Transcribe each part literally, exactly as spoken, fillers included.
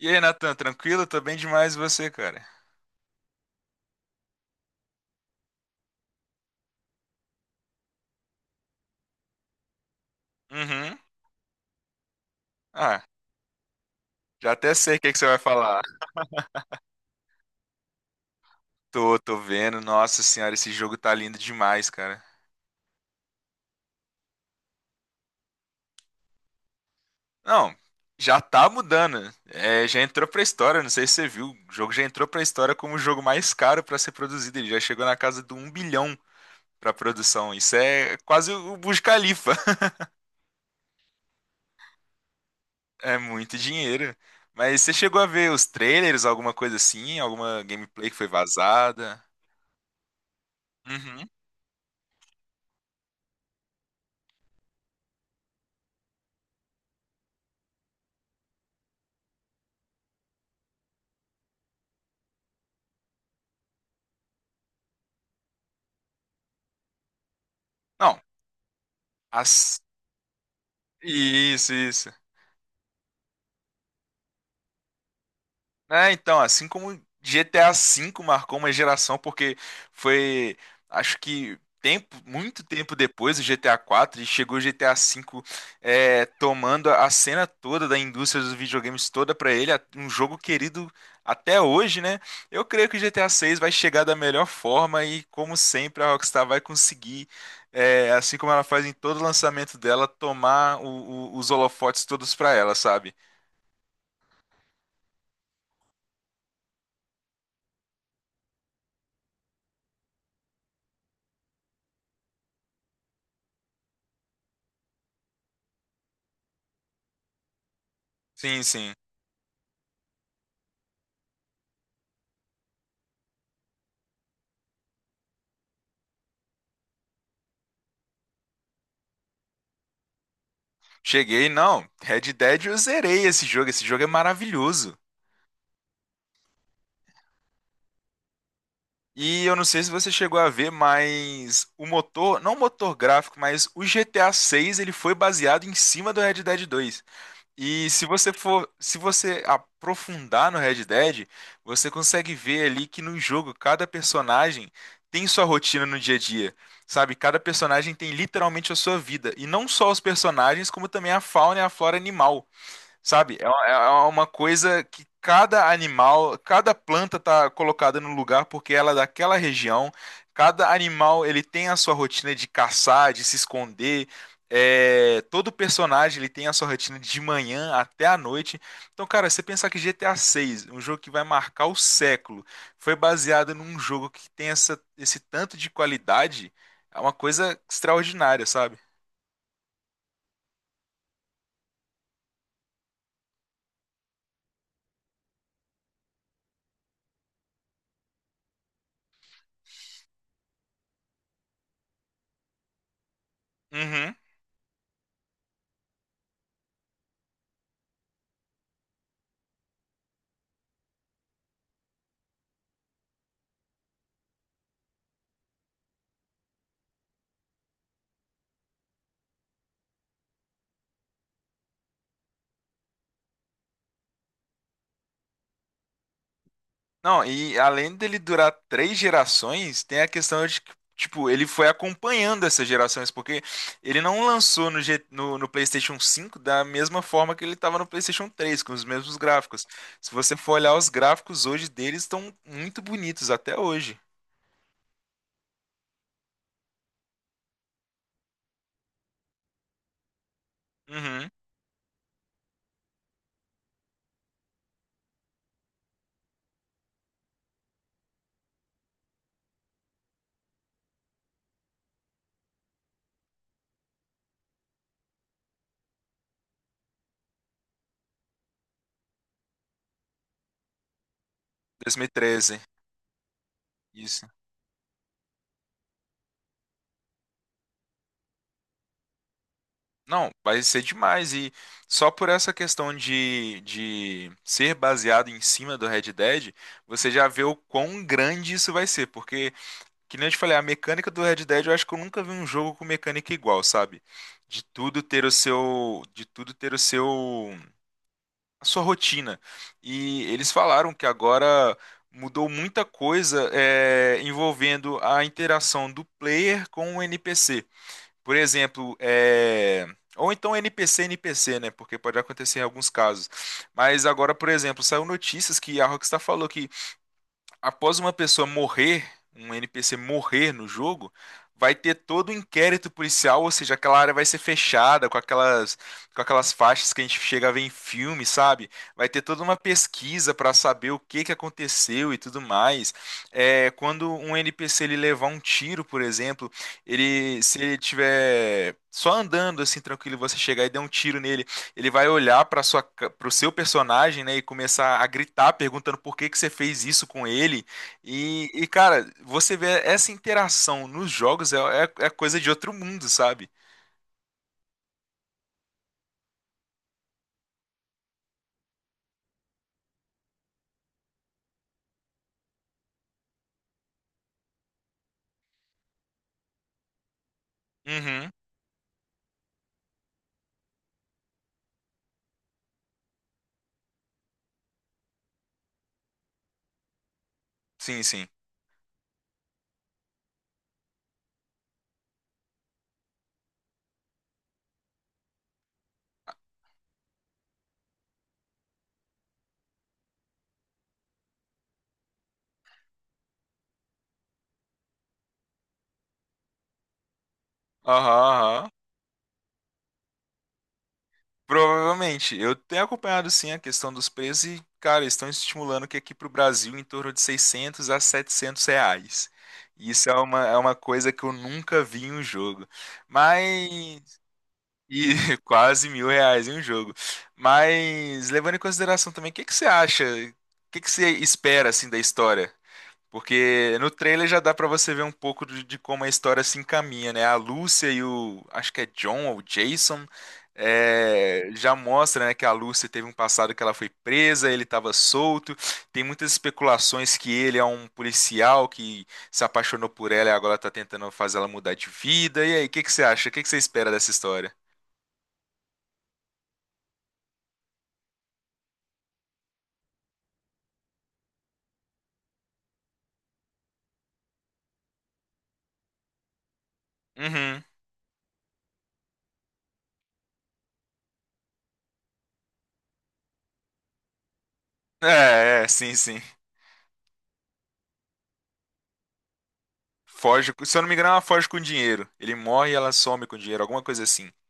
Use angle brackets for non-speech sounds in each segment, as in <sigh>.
E aí, Natan, tranquilo? Tô bem demais e você, cara? Uhum. Ah, já até sei o que é que você vai falar. Tô, tô vendo. Nossa senhora, esse jogo tá lindo demais, cara. Não, já tá mudando. É, já entrou pra história, não sei se você viu. O jogo já entrou pra história como o jogo mais caro pra ser produzido. Ele já chegou na casa do um bilhão pra produção. Isso é quase o Burj Khalifa. <laughs> É muito dinheiro. Mas você chegou a ver os trailers, alguma coisa assim? Alguma gameplay que foi vazada? Uhum. Não, as Isso, isso. É, então, assim como G T A V marcou uma geração, porque foi, acho que tempo, muito tempo depois do G T A quatro, e chegou o G T A V, é, tomando a cena toda da indústria dos videogames toda pra ele, um jogo querido até hoje, né? Eu creio que o G T A seis vai chegar da melhor forma e, como sempre, a Rockstar vai conseguir, é, assim como ela faz em todo lançamento dela, tomar o- o- os holofotes todos pra ela, sabe? Sim, sim. Cheguei, não. Red Dead eu zerei esse jogo. Esse jogo é maravilhoso. E eu não sei se você chegou a ver, mas o motor, não o motor gráfico, mas o G T A seis, ele foi baseado em cima do Red Dead dois. E se você for, se você aprofundar no Red Dead, você consegue ver ali que no jogo cada personagem tem sua rotina no dia a dia. Sabe, cada personagem tem literalmente a sua vida, e não só os personagens, como também a fauna e a flora animal. Sabe? É uma é uma coisa que cada animal, cada planta tá colocada no lugar porque ela é daquela região. Cada animal ele tem a sua rotina de caçar, de se esconder. É, todo personagem ele tem a sua rotina de manhã até a noite. Então, cara, você pensar que G T A seis, um jogo que vai marcar o século, foi baseado num jogo que tem essa, esse tanto de qualidade, é uma coisa extraordinária, sabe? Uhum. Não, e além dele durar três gerações, tem a questão de que, tipo, ele foi acompanhando essas gerações, porque ele não lançou no, G- no, no PlayStation cinco da mesma forma que ele estava no PlayStation três, com os mesmos gráficos. Se você for olhar os gráficos hoje deles, estão muito bonitos até hoje. Uhum, dois mil e treze, isso. Não, vai ser demais. E só por essa questão de, de ser baseado em cima do Red Dead, você já vê o quão grande isso vai ser, porque. Que nem eu te falei, a mecânica do Red Dead, eu acho que eu nunca vi um jogo com mecânica igual, sabe? De tudo ter o seu, de tudo ter o seu, a sua rotina. E eles falaram que agora mudou muita coisa, é, envolvendo a interação do player com o N P C. Por exemplo, é, ou então N P C N P C, né? Porque pode acontecer em alguns casos. Mas agora, por exemplo, saiu notícias que a Rockstar falou que após uma pessoa morrer, um N P C morrer no jogo, vai ter todo o inquérito policial, ou seja, aquela área vai ser fechada com aquelas, com aquelas faixas que a gente chega a ver em filme, sabe? Vai ter toda uma pesquisa para saber o que que aconteceu e tudo mais. É, quando um N P C ele levar um tiro, por exemplo, ele se ele tiver só andando assim tranquilo, e você chegar e der um tiro nele ele vai olhar para sua para o seu personagem, né, e começar a gritar perguntando por que que você fez isso com ele. E, e, cara, você vê essa interação nos jogos é, é, é coisa de outro mundo, sabe? Uhum. Sim, sim. Aham, aham. Provavelmente. Eu tenho acompanhado sim a questão dos preços e, cara, estão estimulando que aqui para o Brasil em torno de seiscentos a setecentos reais. Isso é uma, é uma coisa que eu nunca vi em um jogo. Mas E <laughs> quase mil reais em um jogo. Mas levando em consideração também, o que que você acha? O que que você espera assim da história? Porque no trailer já dá pra você ver um pouco de, de como a história se encaminha, né? A Lúcia e o, acho que é John ou Jason, é, já mostra, né, que a Lúcia teve um passado que ela foi presa, ele estava solto. Tem muitas especulações que ele é um policial que se apaixonou por ela e agora tá tentando fazer ela mudar de vida. E aí, o que que você acha? O que que você espera dessa história? Uhum. É, é, sim, sim. Foge, com- se eu não me engano, ela foge com dinheiro. Ele morre e ela some com dinheiro, alguma coisa assim. <laughs>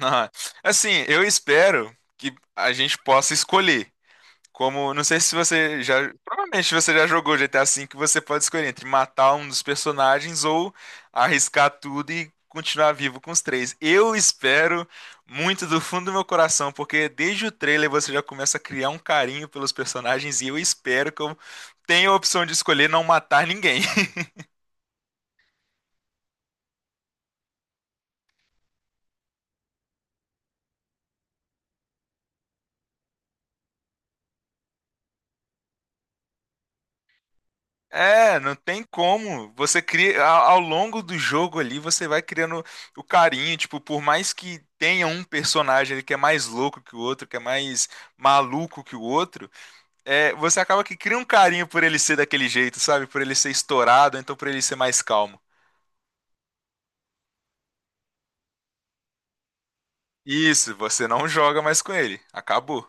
Ah, assim, eu espero que a gente possa escolher. Como, não sei se você já, provavelmente você já jogou G T A V, que você pode escolher entre matar um dos personagens ou arriscar tudo e continuar vivo com os três. Eu espero muito do fundo do meu coração, porque desde o trailer você já começa a criar um carinho pelos personagens e eu espero que eu tenha a opção de escolher não matar ninguém. <laughs> É, não tem como. Você cria ao, ao longo do jogo ali, você vai criando o carinho, tipo, por mais que tenha um personagem ali que é mais louco que o outro, que é mais maluco que o outro, é, você acaba que cria um carinho por ele ser daquele jeito, sabe? Por ele ser estourado, ou então por ele ser mais calmo. Isso, você não joga mais com ele. Acabou.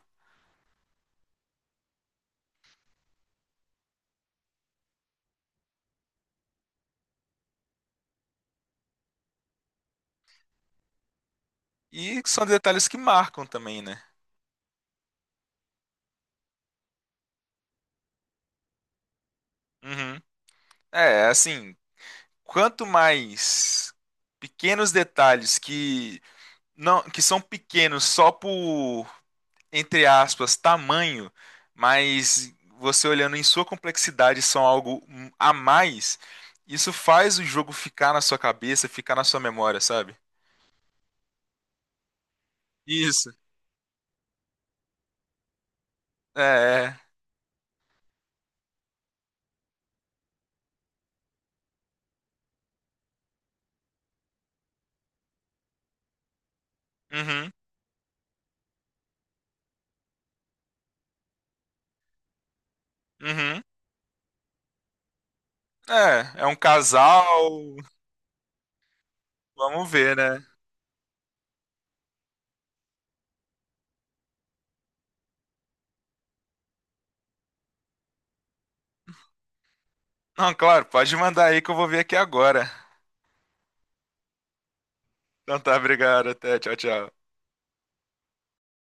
E são detalhes que marcam também, né? Uhum. É, assim, quanto mais pequenos detalhes que não, que são pequenos só por, entre aspas, tamanho, mas você olhando em sua complexidade são algo hum, a mais, isso faz o jogo ficar na sua cabeça, ficar na sua memória, sabe? Isso. É, é. Uhum, uhum. É, é um casal. Vamos ver, né? Não, claro, pode mandar aí que eu vou ver aqui agora. Então tá, obrigado. Até, tchau, tchau.